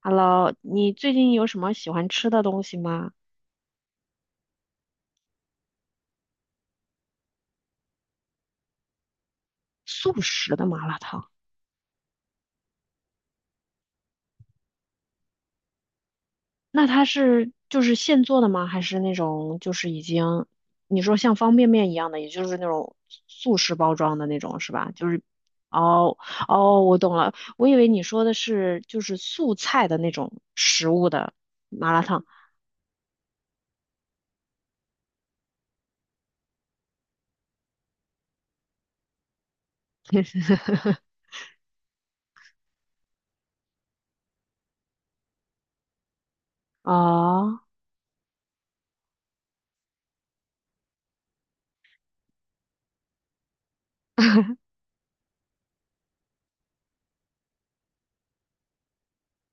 Hello,你最近有什么喜欢吃的东西吗？速食的麻辣烫，那它是就是现做的吗？还是那种就是已经你说像方便面一样的，也就是那种速食包装的那种是吧？就是哦哦，我懂了，我以为你说的是就是素菜的那种食物的麻辣烫。哦，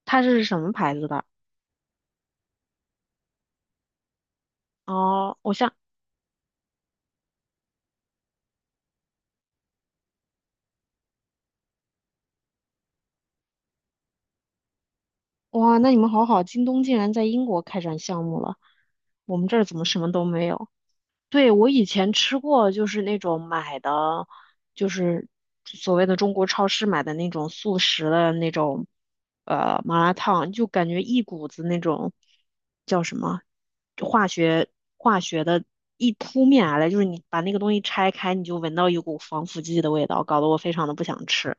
它是什么牌子的？哦，我想哇，那你们好好，京东竟然在英国开展项目了，我们这儿怎么什么都没有？对，我以前吃过，就是那种买的，就是所谓的中国超市买的那种速食的那种，麻辣烫，就感觉一股子那种叫什么化学化学的一扑面而来，就是你把那个东西拆开，你就闻到一股防腐剂的味道，搞得我非常的不想吃。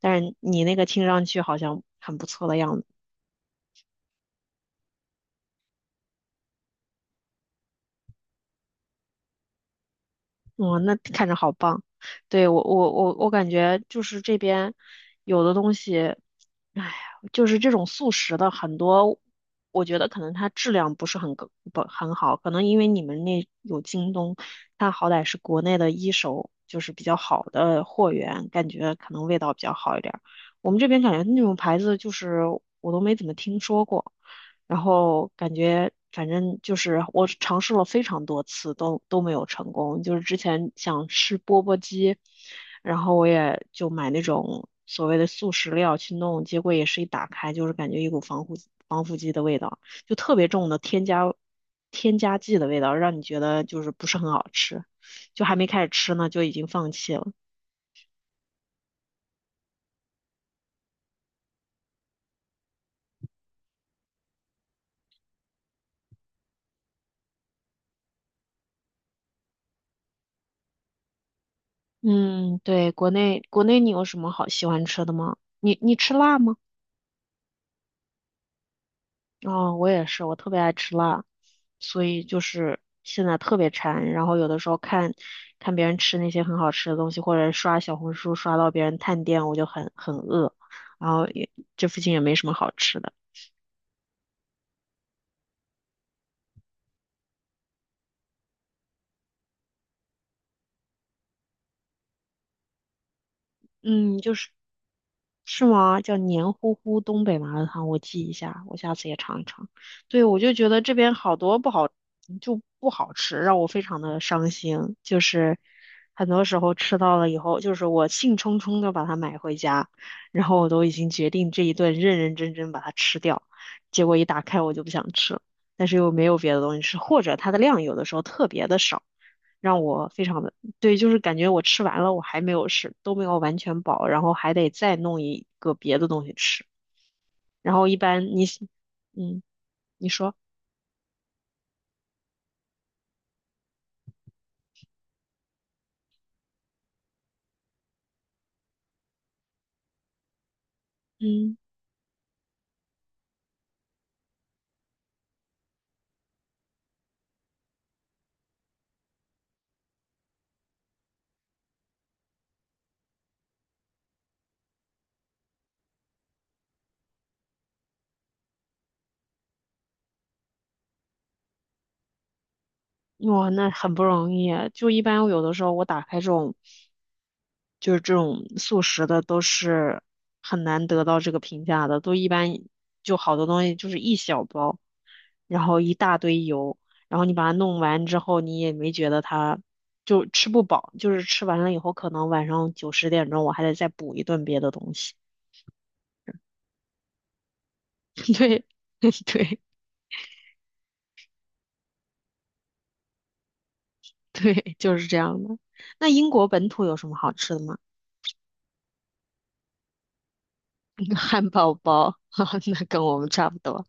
但是你那个听上去好像很不错的样子。哇，那看着好棒。对，我感觉就是这边有的东西，哎，就是这种速食的很多，我觉得可能它质量不是很高不很好，可能因为你们那有京东，它好歹是国内的一手，就是比较好的货源，感觉可能味道比较好一点儿。我们这边感觉那种牌子就是我都没怎么听说过。然后感觉反正就是我尝试了非常多次都没有成功，就是之前想吃钵钵鸡，然后我也就买那种所谓的速食料去弄，结果也是一打开就是感觉一股防腐剂的味道，就特别重的添加剂的味道，让你觉得就是不是很好吃，就还没开始吃呢就已经放弃了。嗯，对，国内你有什么好喜欢吃的吗？你你吃辣吗？哦，我也是，我特别爱吃辣，所以就是现在特别馋。然后有的时候看看别人吃那些很好吃的东西，或者刷小红书刷到别人探店，我就很饿。然后也这附近也没什么好吃的。嗯，就是。是吗？叫黏糊糊东北麻辣烫，我记一下，我下次也尝一尝。对，我就觉得这边好多不好，就不好吃，让我非常的伤心。就是很多时候吃到了以后，就是我兴冲冲的把它买回家，然后我都已经决定这一顿认认真真把它吃掉，结果一打开我就不想吃了，但是又没有别的东西吃，或者它的量有的时候特别的少。让我非常的，对，就是感觉我吃完了，我还没有吃，都没有完全饱，然后还得再弄一个别的东西吃。然后一般你喜嗯，你说，嗯，哇，那很不容易啊就一般有的时候我打开这种，就是这种速食的，都是很难得到这个评价的，都一般就好多东西就是一小包。然后一大堆油，然后你把它弄完之后，你也没觉得它就吃不饱，就是吃完了以后，可能晚上九十点钟我还得再补一顿别的东西。对，对，对，就是这样的。那英国本土有什么好吃的吗？汉堡包，那跟我们差不多。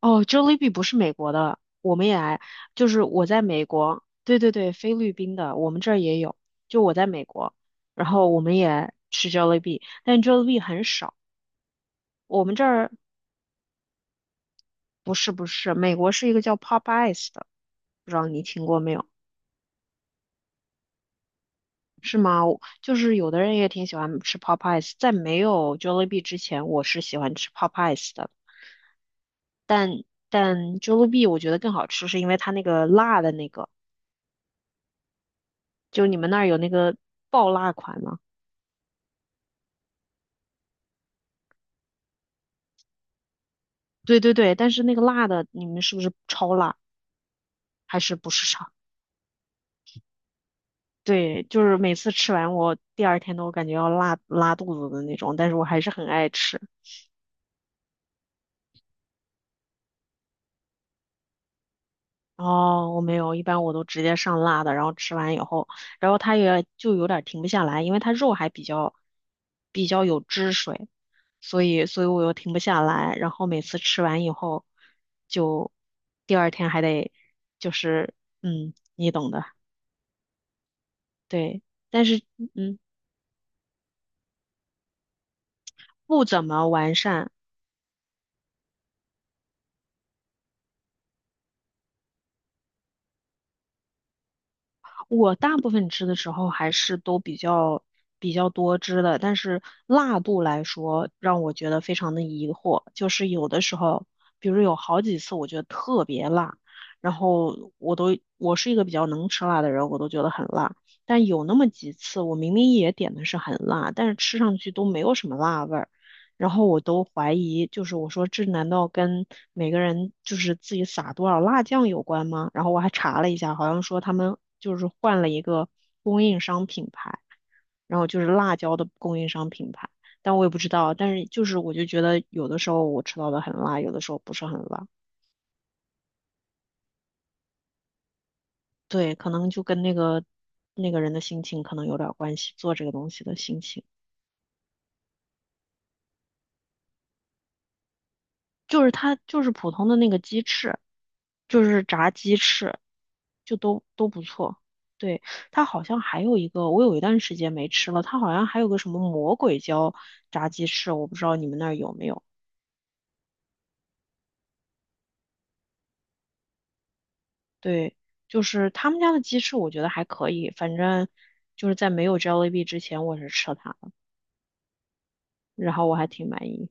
哦，Jollibee 不是美国的，我们也来，就是我在美国，对对对，菲律宾的，我们这儿也有，就我在美国，然后我们也吃 Jollibee,但 Jollibee 很少。我们这儿不是，美国是一个叫 Popeyes 的，不知道你听过没有？是吗？我就是有的人也挺喜欢吃 Popeyes,在没有 Jollibee 之前，我是喜欢吃 Popeyes 的，但 Jollibee 我觉得更好吃，是因为它那个辣的那个，就你们那儿有那个爆辣款吗？对对对，但是那个辣的，你们是不是超辣还是不是超？对，就是每次吃完我第二天都感觉要拉拉肚子的那种，但是我还是很爱吃。哦，我没有，一般我都直接上辣的，然后吃完以后，然后它也就有点停不下来，因为它肉还比较有汁水，所以我又停不下来，然后每次吃完以后，就第二天还得就是嗯，你懂的，对，但是嗯不怎么完善。我大部分吃的时候还是都比较多汁的，但是辣度来说，让我觉得非常的疑惑。就是有的时候，比如有好几次我觉得特别辣，然后我都我是一个比较能吃辣的人，我都觉得很辣。但有那么几次，我明明也点的是很辣，但是吃上去都没有什么辣味儿。然后我都怀疑，就是我说这难道跟每个人就是自己撒多少辣酱有关吗？然后我还查了一下，好像说他们就是换了一个供应商品牌，然后就是辣椒的供应商品牌，但我也不知道。但是就是我就觉得有的时候我吃到的很辣，有的时候不是很辣。对，可能就跟那个那个人的心情可能有点关系，做这个东西的心情。就是它就是普通的那个鸡翅，就是炸鸡翅，就都不错。对，它好像还有一个，我有一段时间没吃了，它好像还有个什么魔鬼椒炸鸡翅，我不知道你们那儿有没有。对，就是他们家的鸡翅，我觉得还可以，反正就是在没有 JOLLIB 之前，我是吃了它的，然后我还挺满意。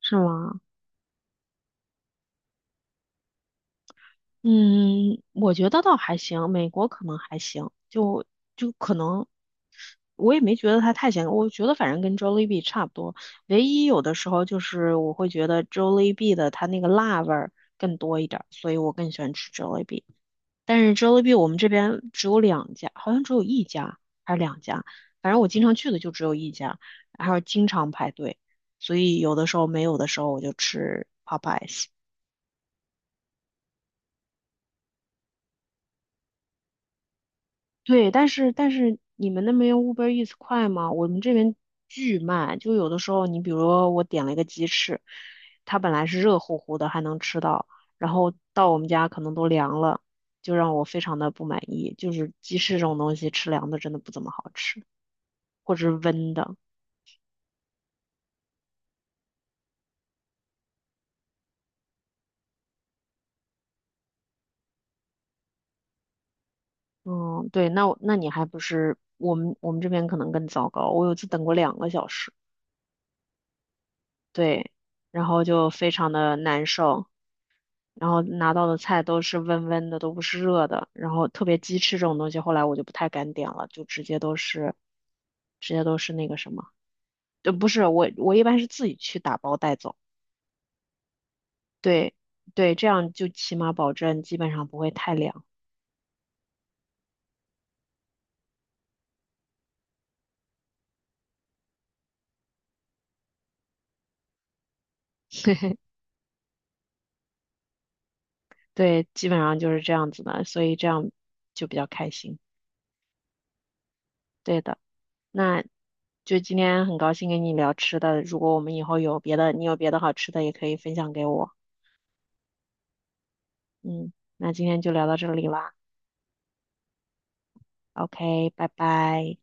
是吗？嗯，我觉得倒还行，美国可能还行，就就可能我也没觉得它太咸，我觉得反正跟 Jollibee 差不多。唯一有的时候就是我会觉得 Jollibee 的它那个辣味儿更多一点儿，所以我更喜欢吃 Jollibee。但是 Jollibee 我们这边只有两家，好像只有一家还是两家，反正我经常去的就只有一家，然后经常排队，所以有的时候没有的时候我就吃对，但是但是你们那边用 Uber Eats 快吗？我们这边巨慢，就有的时候你比如说我点了一个鸡翅，它本来是热乎乎的还能吃到，然后到我们家可能都凉了，就让我非常的不满意。就是鸡翅这种东西吃凉的真的不怎么好吃，或者是温的。嗯，对，那我那你还不是我们这边可能更糟糕，我有一次等过2个小时，对，然后就非常的难受。然后拿到的菜都是温温的，都不是热的。然后特别鸡翅这种东西，后来我就不太敢点了，就直接都是，直接都是那个什么，就不是我我一般是自己去打包带走，对对，这样就起码保证基本上不会太凉，对，基本上就是这样子的，所以这样就比较开心，对的。那就今天很高兴跟你聊吃的，如果我们以后有别的，你有别的好吃的也可以分享给我，嗯，那今天就聊到这里啦。OK,拜拜。